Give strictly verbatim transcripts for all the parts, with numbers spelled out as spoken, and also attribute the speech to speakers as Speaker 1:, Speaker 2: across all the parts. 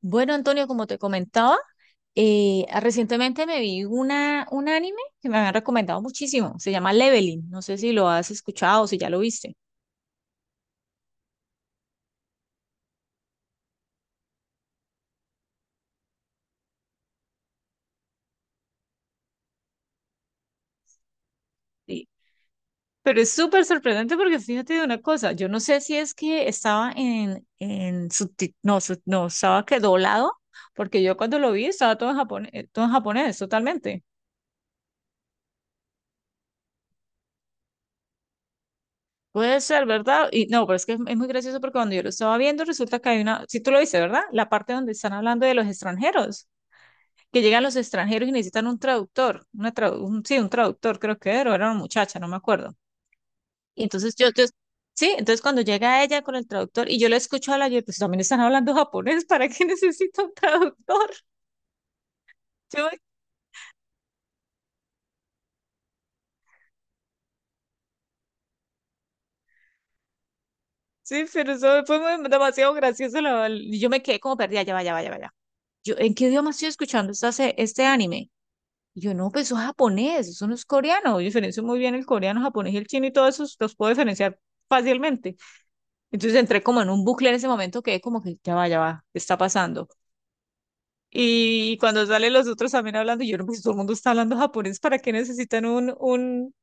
Speaker 1: Bueno, Antonio, como te comentaba, eh, recientemente me vi una, un anime que me habían recomendado muchísimo. Se llama Leveling. No sé si lo has escuchado o si ya lo viste. Sí. Pero es súper sorprendente porque fíjate de una cosa. Yo no sé si es que estaba en, en subti- no, sub- no, estaba que doblado, porque yo cuando lo vi estaba todo en japonés, todo en japonés, totalmente. Puede ser, ¿verdad? Y no, pero es que es, es muy gracioso porque cuando yo lo estaba viendo, resulta que hay una, si tú lo viste, ¿verdad? La parte donde están hablando de los extranjeros, que llegan los extranjeros y necesitan un traductor, una tradu- un- sí, un traductor creo que era, o era una muchacha, no me acuerdo. Y entonces yo, yo- sí, entonces cuando llega ella con el traductor y yo le escucho hablar, yo, pues también están hablando japonés, ¿para qué necesito un traductor? Yo me- sí, pero eso fue muy- demasiado gracioso, la- y yo me quedé como perdida, ya vaya, vaya, vaya. Yo, ¿en qué idioma estoy escuchando esta se- este anime? Y yo, no, pues eso es japonés, eso no es coreano, yo diferencio muy bien el coreano, japonés y el chino y todos esos los puedo diferenciar fácilmente. Entonces entré como en un bucle en ese momento, quedé como que ya va, ya va, ¿qué está pasando? Y cuando salen los otros también hablando, yo no, pues todo el mundo está hablando japonés, ¿para qué necesitan un, un,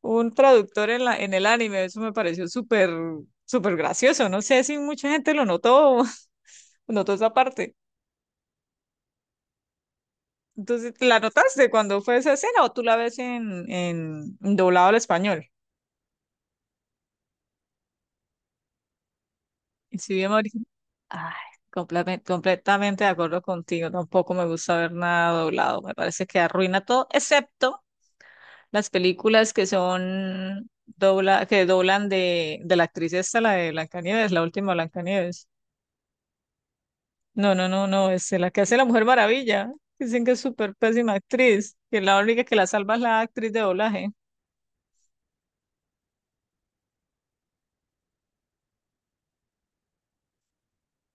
Speaker 1: un traductor en la, en el anime? Eso me pareció súper, súper gracioso. No sé si mucha gente lo notó, notó esa parte. Entonces, ¿la notaste cuando fue esa escena o tú la ves en, en doblado al español? Sí, ay, complame- completamente de acuerdo contigo. Tampoco me gusta ver nada doblado. Me parece que arruina todo, excepto las películas que son dobla, que doblan de, de la actriz esta, la de Blancanieves, la última Blancanieves. No, no, no, no, es la que hace la Mujer Maravilla. Dicen que es súper pésima actriz, que la única que la salva es la actriz de doblaje.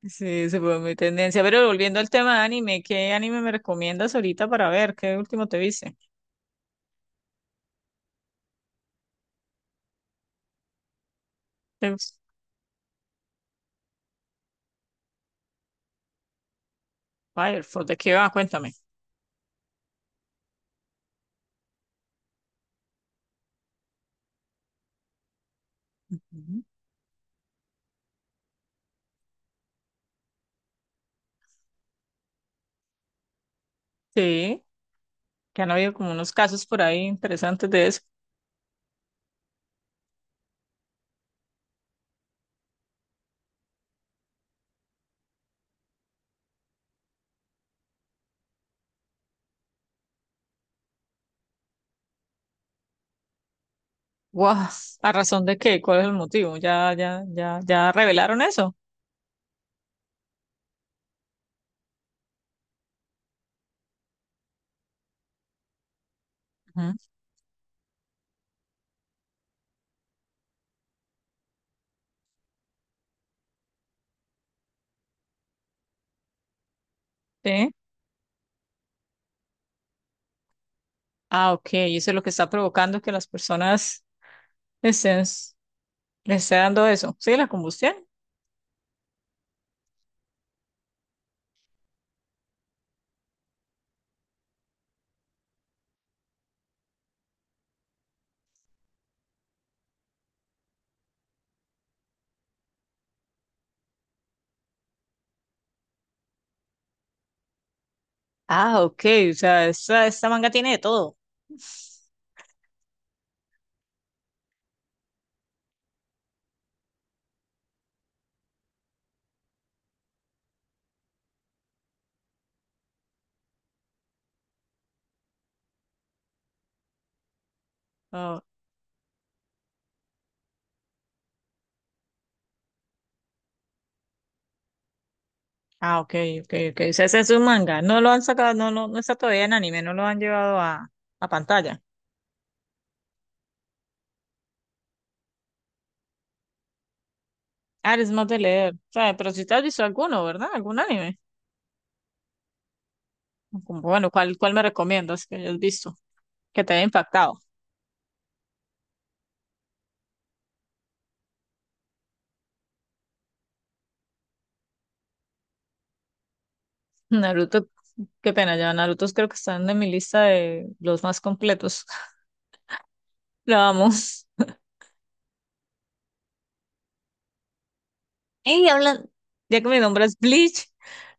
Speaker 1: Sí, se fue mi tendencia. Pero volviendo al tema de anime, ¿qué anime me recomiendas ahorita para ver? ¿Qué último te viste? Fire, ¿de qué va? Cuéntame. Sí, que han habido como unos casos por ahí interesantes de eso. Guau, ¿a razón de qué? ¿Cuál es el motivo? ¿Ya, ya, ya, ya revelaron eso? Ujú. Sí. Ah, ok, y eso es lo que está provocando que las personas estén, les esté dando eso. Sí, la combustión. Ah, ok, o sea, esta, esta manga tiene de todo. Oh, ah, ok, ok, ok. O sea, ese es un manga. No lo han sacado, no, no, no está todavía en anime, no lo han llevado a, a pantalla. Ah, eres más de leer. O sea, pero si te has visto alguno, ¿verdad? ¿Algún anime? Como, bueno, ¿cuál, cuál me recomiendas que hayas visto? Que te haya impactado. Naruto, qué pena, ya Naruto creo que están en mi lista de los más completos. Lo vamos. Y hablan, ya que mi nombre es Bleach,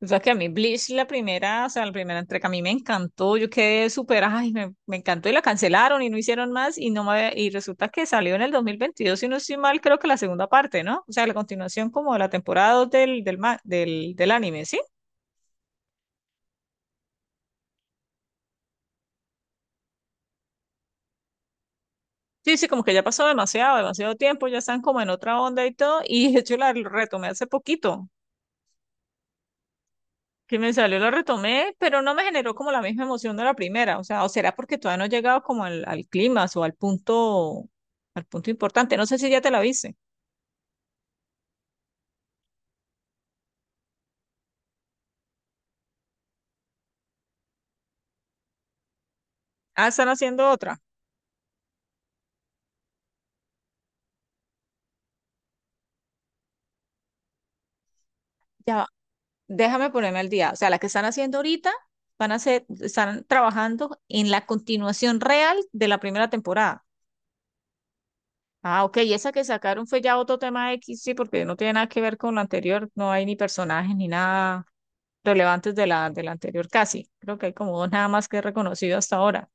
Speaker 1: o sea que a mí Bleach la primera, o sea, la primera entrega a mí me encantó, yo quedé súper, ay, me, me encantó y la cancelaron y no hicieron más y no me había- y resulta que salió en el dos mil veintidós si no estoy mal, creo que la segunda parte, ¿no? O sea, la continuación como de la temporada dos del, del, ma- del, del anime, ¿sí? Sí, sí, como que ya pasó demasiado, demasiado tiempo, ya están como en otra onda y todo, y de hecho la retomé hace poquito, que me salió, la retomé, pero no me generó como la misma emoción de la primera, o sea, o será porque todavía no he llegado como al, al clímax o al punto, al punto importante, no sé si ya te la viste. Ah, están haciendo otra, ya, va, déjame ponerme al día, o sea, la que están haciendo ahorita, van a hacer, están trabajando en la continuación real de la primera temporada. Ah, ok, y esa que sacaron fue ya otro tema X, sí, porque no tiene nada que ver con lo anterior, no hay ni personajes ni nada relevantes de la, de la anterior casi. Creo que hay como dos nada más que he reconocido hasta ahora.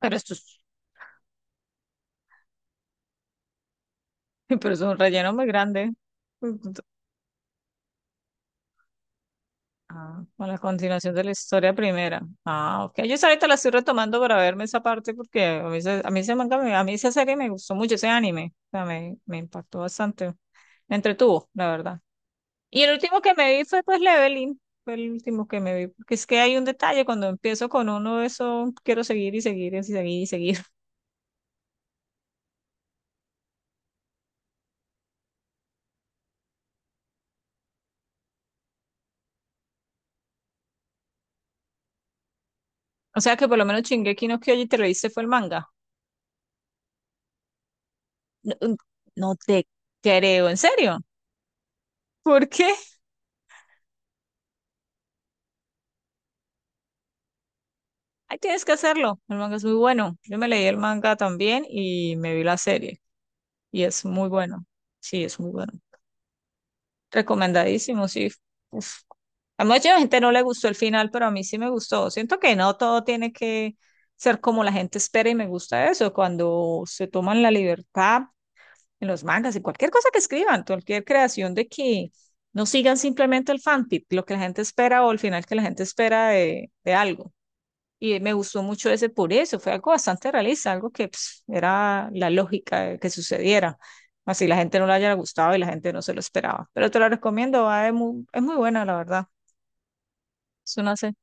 Speaker 1: Pero esto es, pero es un relleno muy grande. Ah, con la continuación de la historia primera. Ah, ok. Yo esa ahorita la estoy retomando para verme esa parte porque a mí, se- a mí, ese manga me- a mí esa serie me gustó mucho, ese anime. O sea, me, me impactó bastante. Me entretuvo, la verdad. Y el último que me vi fue pues Leveling, fue el último que me vi, porque es que hay un detalle, cuando empiezo con uno, eso quiero seguir y seguir y seguir y seguir. O sea que por lo menos Shingeki no Kyojin te lo viste fue el manga. No, mm, no te creo, en serio. ¿Por qué? Ahí tienes que hacerlo. El manga es muy bueno. Yo me leí el manga también y me vi la serie y es muy bueno. Sí, es muy bueno. Recomendadísimo, sí. Uf. A mucha gente no le gustó el final, pero a mí sí me gustó. Siento que no todo tiene que ser como la gente espera y me gusta eso. Cuando se toman la libertad en los mangas, en cualquier cosa que escriban, cualquier creación de que no sigan simplemente el fanfic, lo que la gente espera o el final que la gente espera de, de algo. Y me gustó mucho ese por eso, fue algo bastante realista, algo que pues, era la lógica de que sucediera. Así la gente no le haya gustado y la gente no se lo esperaba. Pero te lo recomiendo, va, es muy, es muy buena, la verdad. Es una se-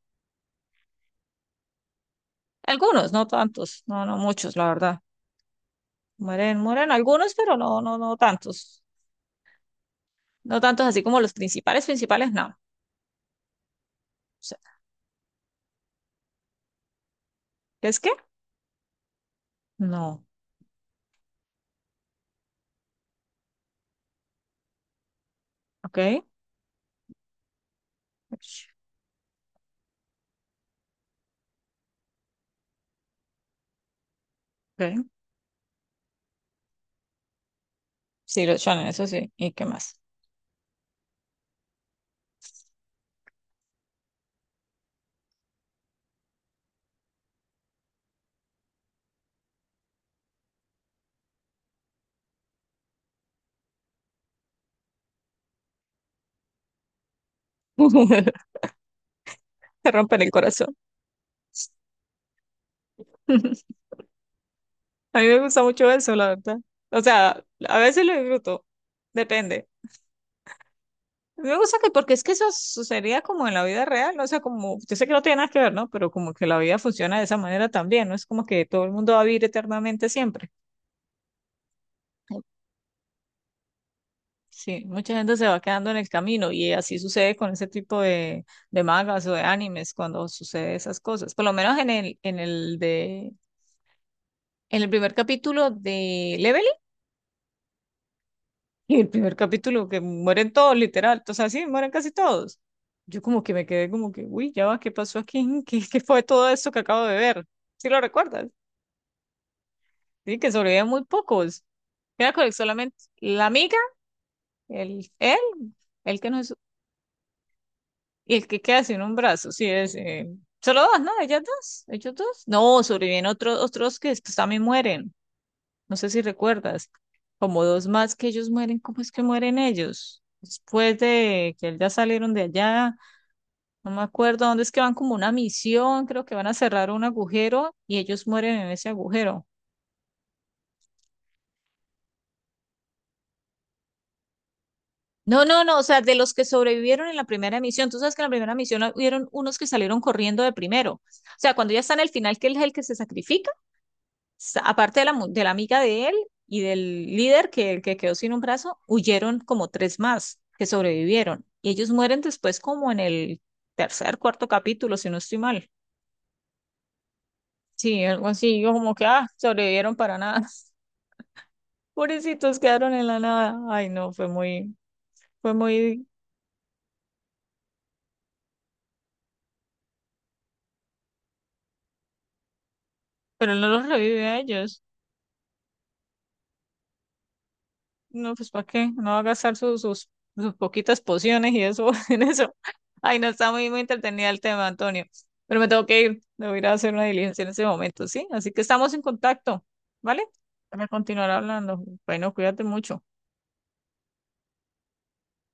Speaker 1: algunos, no tantos, no, no muchos, la verdad. Mueren, mueren algunos, pero no, no, no tantos. No tantos así como los principales, principales, no. O sea, ¿es que? No. Ok. Ush, ok. Sí, los shonen, eso sí. ¿Y qué más? Te rompen el corazón. A mí me gusta mucho eso, la verdad. O sea, a veces lo disfruto, depende. Me gusta que, porque es que eso sucedería como en la vida real, ¿no? O sea, como, yo sé que no tiene nada que ver, ¿no? Pero como que la vida funciona de esa manera también, no es como que todo el mundo va a vivir eternamente siempre. Sí, mucha gente se va quedando en el camino y así sucede con ese tipo de, de mangas o de animes cuando sucede esas cosas. Por lo menos en el, en el de, en el primer capítulo de Level. Y el primer capítulo que mueren todos, literal, o sea, sí, mueren casi todos. Yo como que me quedé como que, uy, ya va, ¿qué pasó aquí? ¿Qué, qué fue todo esto que acabo de ver? ¿Sí lo recuerdas? Sí, que sobrevivían muy pocos. Era con solamente la amiga, el, él, el que no es, y el que queda sin un brazo, sí, es, eh, solo dos, ¿no? Ellas dos, ellos dos. No, sobreviven otros, otros que después también mueren. No sé si recuerdas, como dos más que ellos mueren, ¿cómo es que mueren ellos? Después de que ya salieron de allá, no me acuerdo dónde es que van como una misión, creo que van a cerrar un agujero y ellos mueren en ese agujero. No, no, no, o sea, de los que sobrevivieron en la primera misión, tú sabes que en la primera misión hubieron unos que salieron corriendo de primero. O sea, cuando ya está en el final, que él es el que se sacrifica. Sa- aparte de la, mu- de la amiga de él y del líder que, que quedó sin un brazo, huyeron como tres más que sobrevivieron. Y ellos mueren después como en el tercer, cuarto capítulo, si no estoy mal. Sí, algo así, yo como que, ah, sobrevivieron para nada. Pobrecitos quedaron en la nada. Ay, no, fue muy, fue muy, pero él no los revive a ellos. No, pues ¿para qué? No va a gastar sus, sus, sus poquitas pociones y eso en eso. Ay, no está muy, muy entretenida el tema, Antonio. Pero me tengo que ir. Debo ir a hacer una diligencia en ese momento, ¿sí? Así que estamos en contacto, ¿vale? Para continuar hablando. Bueno, cuídate mucho.